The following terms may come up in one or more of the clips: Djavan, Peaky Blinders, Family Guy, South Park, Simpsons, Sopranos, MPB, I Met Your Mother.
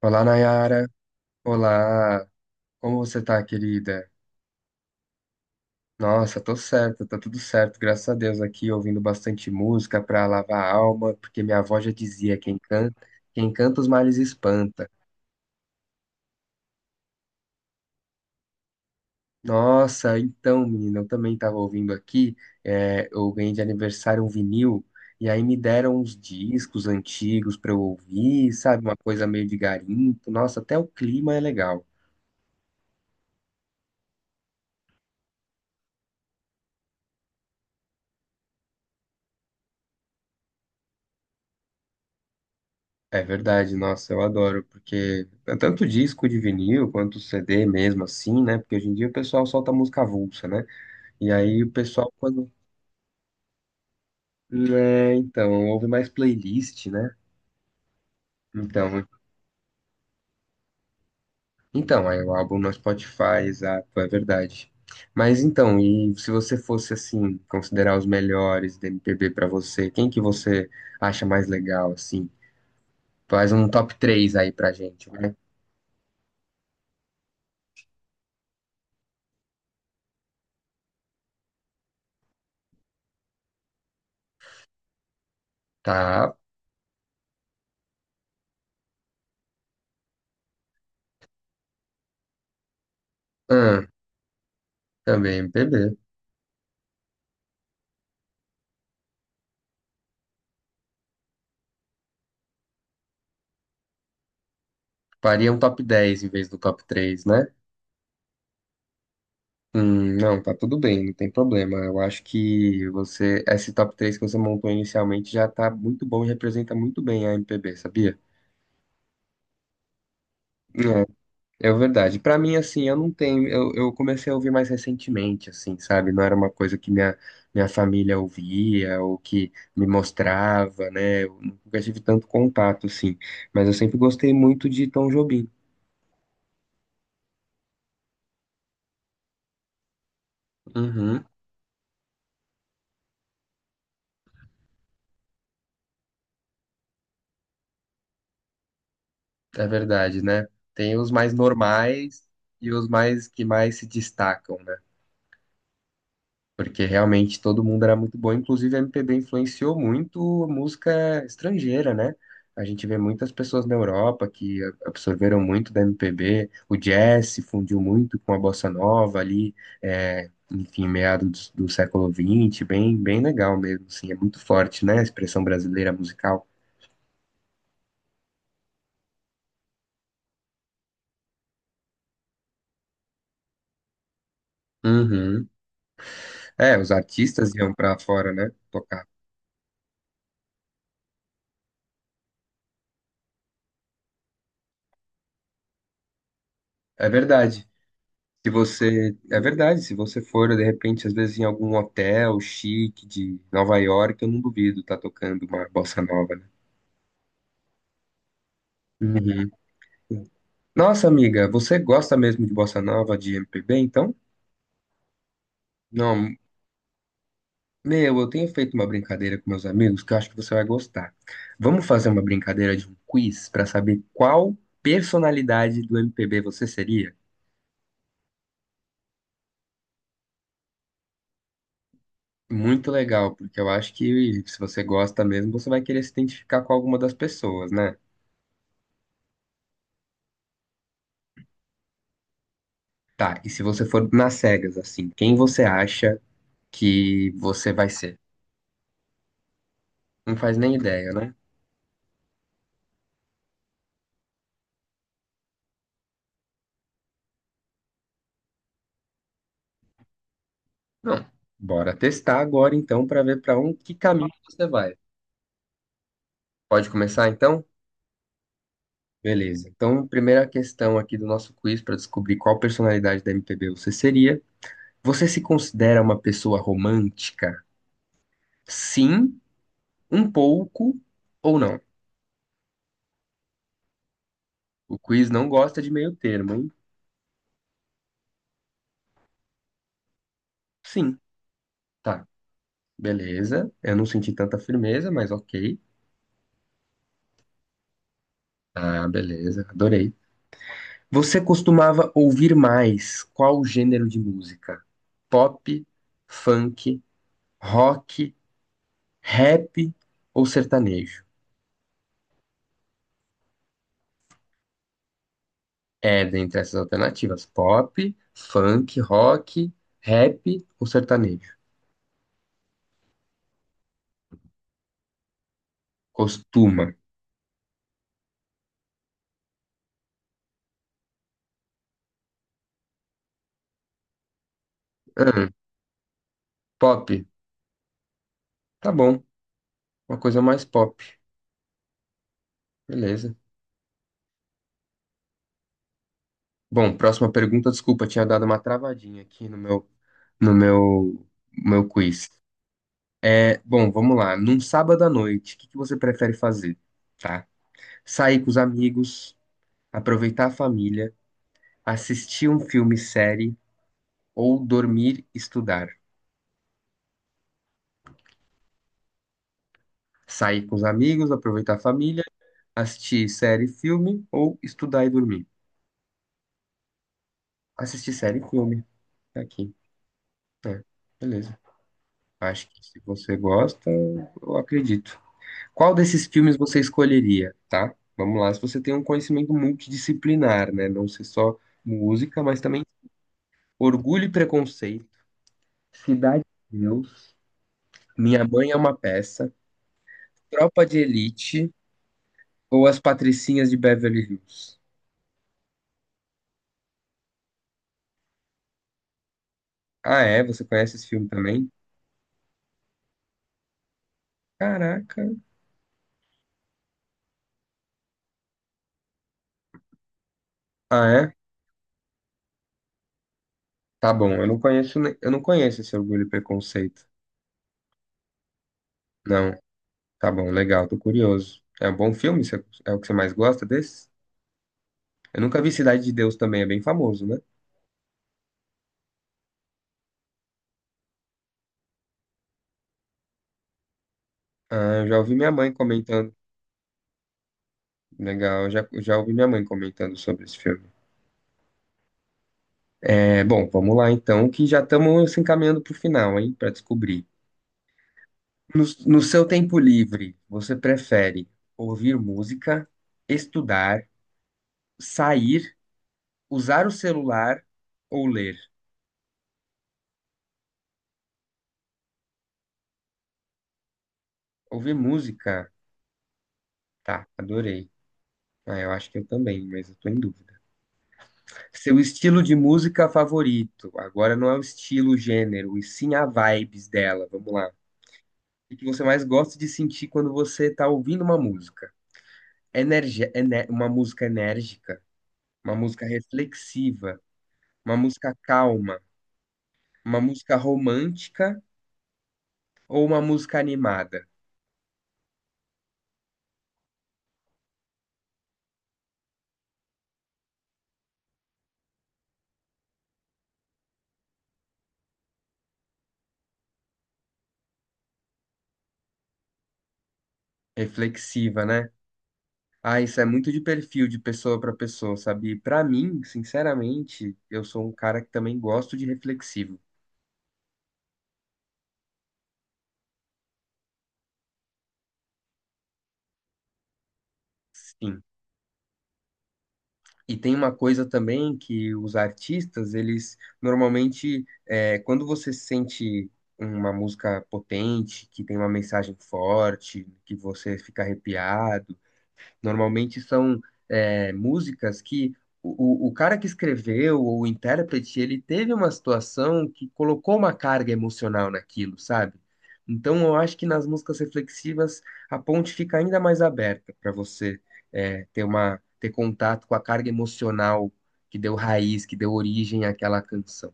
Olá, Nayara. Olá. Como você tá, querida? Nossa, tô certo, tá tudo certo, graças a Deus aqui, ouvindo bastante música pra lavar a alma, porque minha avó já dizia, quem canta os males espanta. Nossa, então, menina, eu também tava ouvindo aqui, eu ganhei de aniversário um vinil, e aí me deram uns discos antigos pra eu ouvir, sabe, uma coisa meio de garimpo. Nossa, até o clima é legal. É verdade, nossa, eu adoro, porque é tanto disco de vinil quanto CD mesmo, assim, né? Porque hoje em dia o pessoal solta música avulsa, né? E aí o pessoal, quando. É, então, ouve mais playlist, né? Então, então, aí o álbum no Spotify, exato, é verdade. Mas então, e se você fosse, assim, considerar os melhores da MPB pra você, quem que você acha mais legal, assim? Faz um top 3 aí pra gente, né? Tá, ah, também MPB. Faria um top 10 em vez do top 3, né? Não, tá tudo bem, não tem problema. Eu acho que você, esse top 3 que você montou inicialmente já tá muito bom e representa muito bem a MPB, sabia? É, é verdade. Pra mim, assim, eu não tenho. Eu comecei a ouvir mais recentemente, assim, sabe? Não era uma coisa que minha família ouvia ou que me mostrava, né? Eu nunca tive tanto contato, assim. Mas eu sempre gostei muito de Tom Jobim. Uhum. É verdade, né? Tem os mais normais e os mais que mais se destacam, né? Porque realmente todo mundo era muito bom, inclusive a MPB influenciou muito música estrangeira, né? A gente vê muitas pessoas na Europa que absorveram muito da MPB, o jazz se fundiu muito com a bossa nova ali, enfim, meados do século XX, bem, bem legal mesmo, assim, é muito forte, né? A expressão brasileira musical. Uhum. É, os artistas iam pra fora, né? Tocar. É verdade. Se você, é verdade, se você for de repente, às vezes em algum hotel chique de Nova York, eu não duvido tá tocando uma bossa nova, né? Uhum. Nossa, amiga, você gosta mesmo de bossa nova, de MPB, então? Não, meu, eu tenho feito uma brincadeira com meus amigos que eu acho que você vai gostar. Vamos fazer uma brincadeira de um quiz para saber qual personalidade do MPB você seria? Muito legal, porque eu acho que se você gosta mesmo, você vai querer se identificar com alguma das pessoas, né? Tá, e se você for nas cegas, assim, quem você acha que você vai ser? Não faz nem ideia, né? Não. Bora testar agora então pra ver pra um que caminho você vai. Pode começar então? Beleza. Então, primeira questão aqui do nosso quiz pra descobrir qual personalidade da MPB você seria. Você se considera uma pessoa romântica? Sim, um pouco ou não? O quiz não gosta de meio termo, hein? Sim. Tá, beleza. Eu não senti tanta firmeza, mas ok. Ah, beleza, adorei. Você costumava ouvir mais qual gênero de música? Pop, funk, rock, rap ou sertanejo? É, dentre essas alternativas, pop, funk, rock, rap ou sertanejo? Costuma. Ahn, Pop. Tá bom, uma coisa mais pop. Beleza. Bom, próxima pergunta. Desculpa, tinha dado uma travadinha aqui no meu quiz. É, bom, vamos lá. Num sábado à noite, o que que você prefere fazer? Tá? Sair com os amigos, aproveitar a família, assistir um filme, série ou dormir, estudar. Sair com os amigos, aproveitar a família, assistir série, filme ou estudar e dormir. Assistir série, e filme. Tá aqui. É, beleza. Acho que se você gosta, eu acredito. Qual desses filmes você escolheria, tá? Vamos lá. Se você tem um conhecimento multidisciplinar, né? Não ser só música, mas também Orgulho e Preconceito, Cidade de Deus, Minha Mãe é uma Peça, Tropa de Elite ou As Patricinhas de Beverly Hills? Ah, é? Você conhece esse filme também? Caraca. Ah, é? Tá bom, eu não conheço, eu não conheço esse Orgulho e Preconceito. Não, tá bom, legal, tô curioso. É um bom filme? Você- É o que você mais gosta desse? Eu nunca vi Cidade de Deus também, é bem famoso, né? Ah, eu já ouvi minha mãe comentando. Legal, eu já ouvi minha mãe comentando sobre esse filme. É, bom, vamos lá então, que já estamos se encaminhando para o final, hein, para descobrir. No, no seu tempo livre, você prefere ouvir música, estudar, sair, usar o celular ou ler? Ouvir música? Tá, adorei. Ah, eu acho que eu também, mas eu tô em dúvida. Seu estilo de música favorito? Agora não é o estilo, o gênero, e sim a vibes dela. Vamos lá. O que você mais gosta de sentir quando você tá ouvindo uma música? Energia, uma música enérgica? Uma música reflexiva, uma música calma, uma música romântica ou uma música animada? Reflexiva, né? Ah, isso é muito de perfil de pessoa para pessoa, sabe? Para mim, sinceramente, eu sou um cara que também gosto de reflexivo. Sim. E tem uma coisa também que os artistas, eles normalmente, quando você sente uma música potente, que tem uma mensagem forte, que você fica arrepiado, normalmente são músicas que o cara que escreveu, ou o intérprete, ele teve uma situação que colocou uma carga emocional naquilo, sabe? Então eu acho que nas músicas reflexivas a ponte fica ainda mais aberta para você ter contato com a carga emocional que deu raiz, que deu origem àquela canção.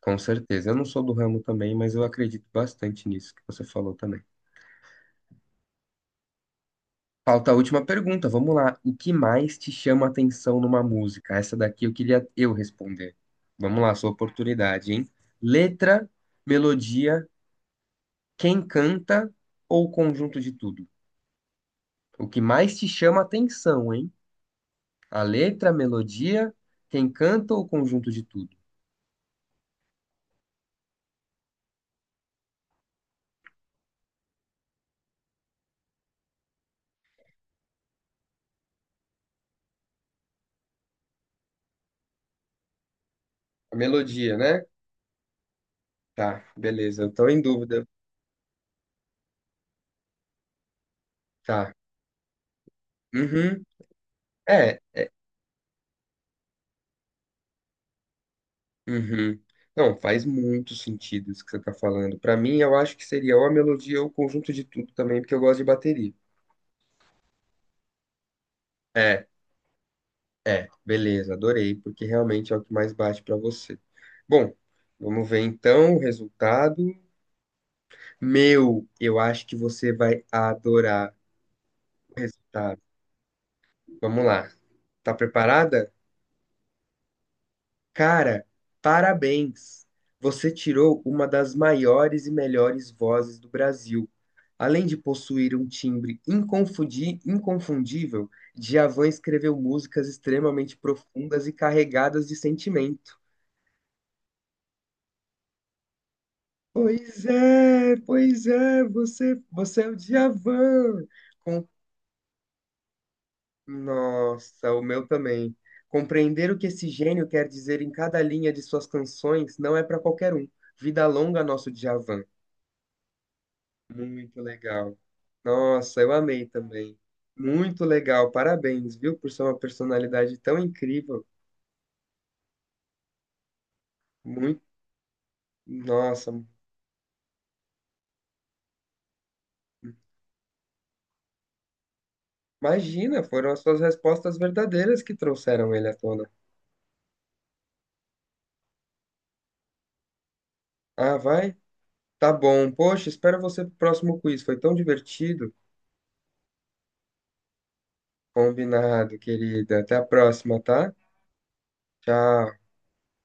Com certeza. Eu não sou do ramo também, mas eu acredito bastante nisso que você falou também. Falta a última pergunta, vamos lá. O que mais te chama a atenção numa música? Essa daqui eu queria eu responder. Vamos lá, sua oportunidade, hein? Letra, melodia, quem canta ou conjunto de tudo? O que mais te chama a atenção, hein? A letra, a melodia, quem canta ou conjunto de tudo? A melodia, né? Tá, beleza, eu tô em dúvida. Tá. Uhum. É, uhum. Não, faz muito sentido isso que você tá falando. Pra mim, eu acho que seria ou a melodia ou o conjunto de tudo também, porque eu gosto de bateria. É, é, beleza, adorei, porque realmente é o que mais bate pra você. Bom, vamos ver então o resultado. Meu, eu acho que você vai adorar o resultado. Vamos lá. Tá preparada? Cara, parabéns! Você tirou uma das maiores e melhores vozes do Brasil, além de possuir um timbre inconfundível. Djavan escreveu músicas extremamente profundas e carregadas de sentimento. Pois é, você, você é o Djavan. Com- Nossa, o meu também. Compreender o que esse gênio quer dizer em cada linha de suas canções não é para qualquer um. Vida longa, nosso Djavan. Muito legal. Nossa, eu amei também. Muito legal. Parabéns, viu, por ser uma personalidade tão incrível. Muito, nossa, imagina, foram as suas respostas verdadeiras que trouxeram ele à tona. Ah, vai? Tá bom. Poxa, espero você pro próximo quiz. Foi tão divertido. Combinado, querida. Até a próxima, tá? Tchau.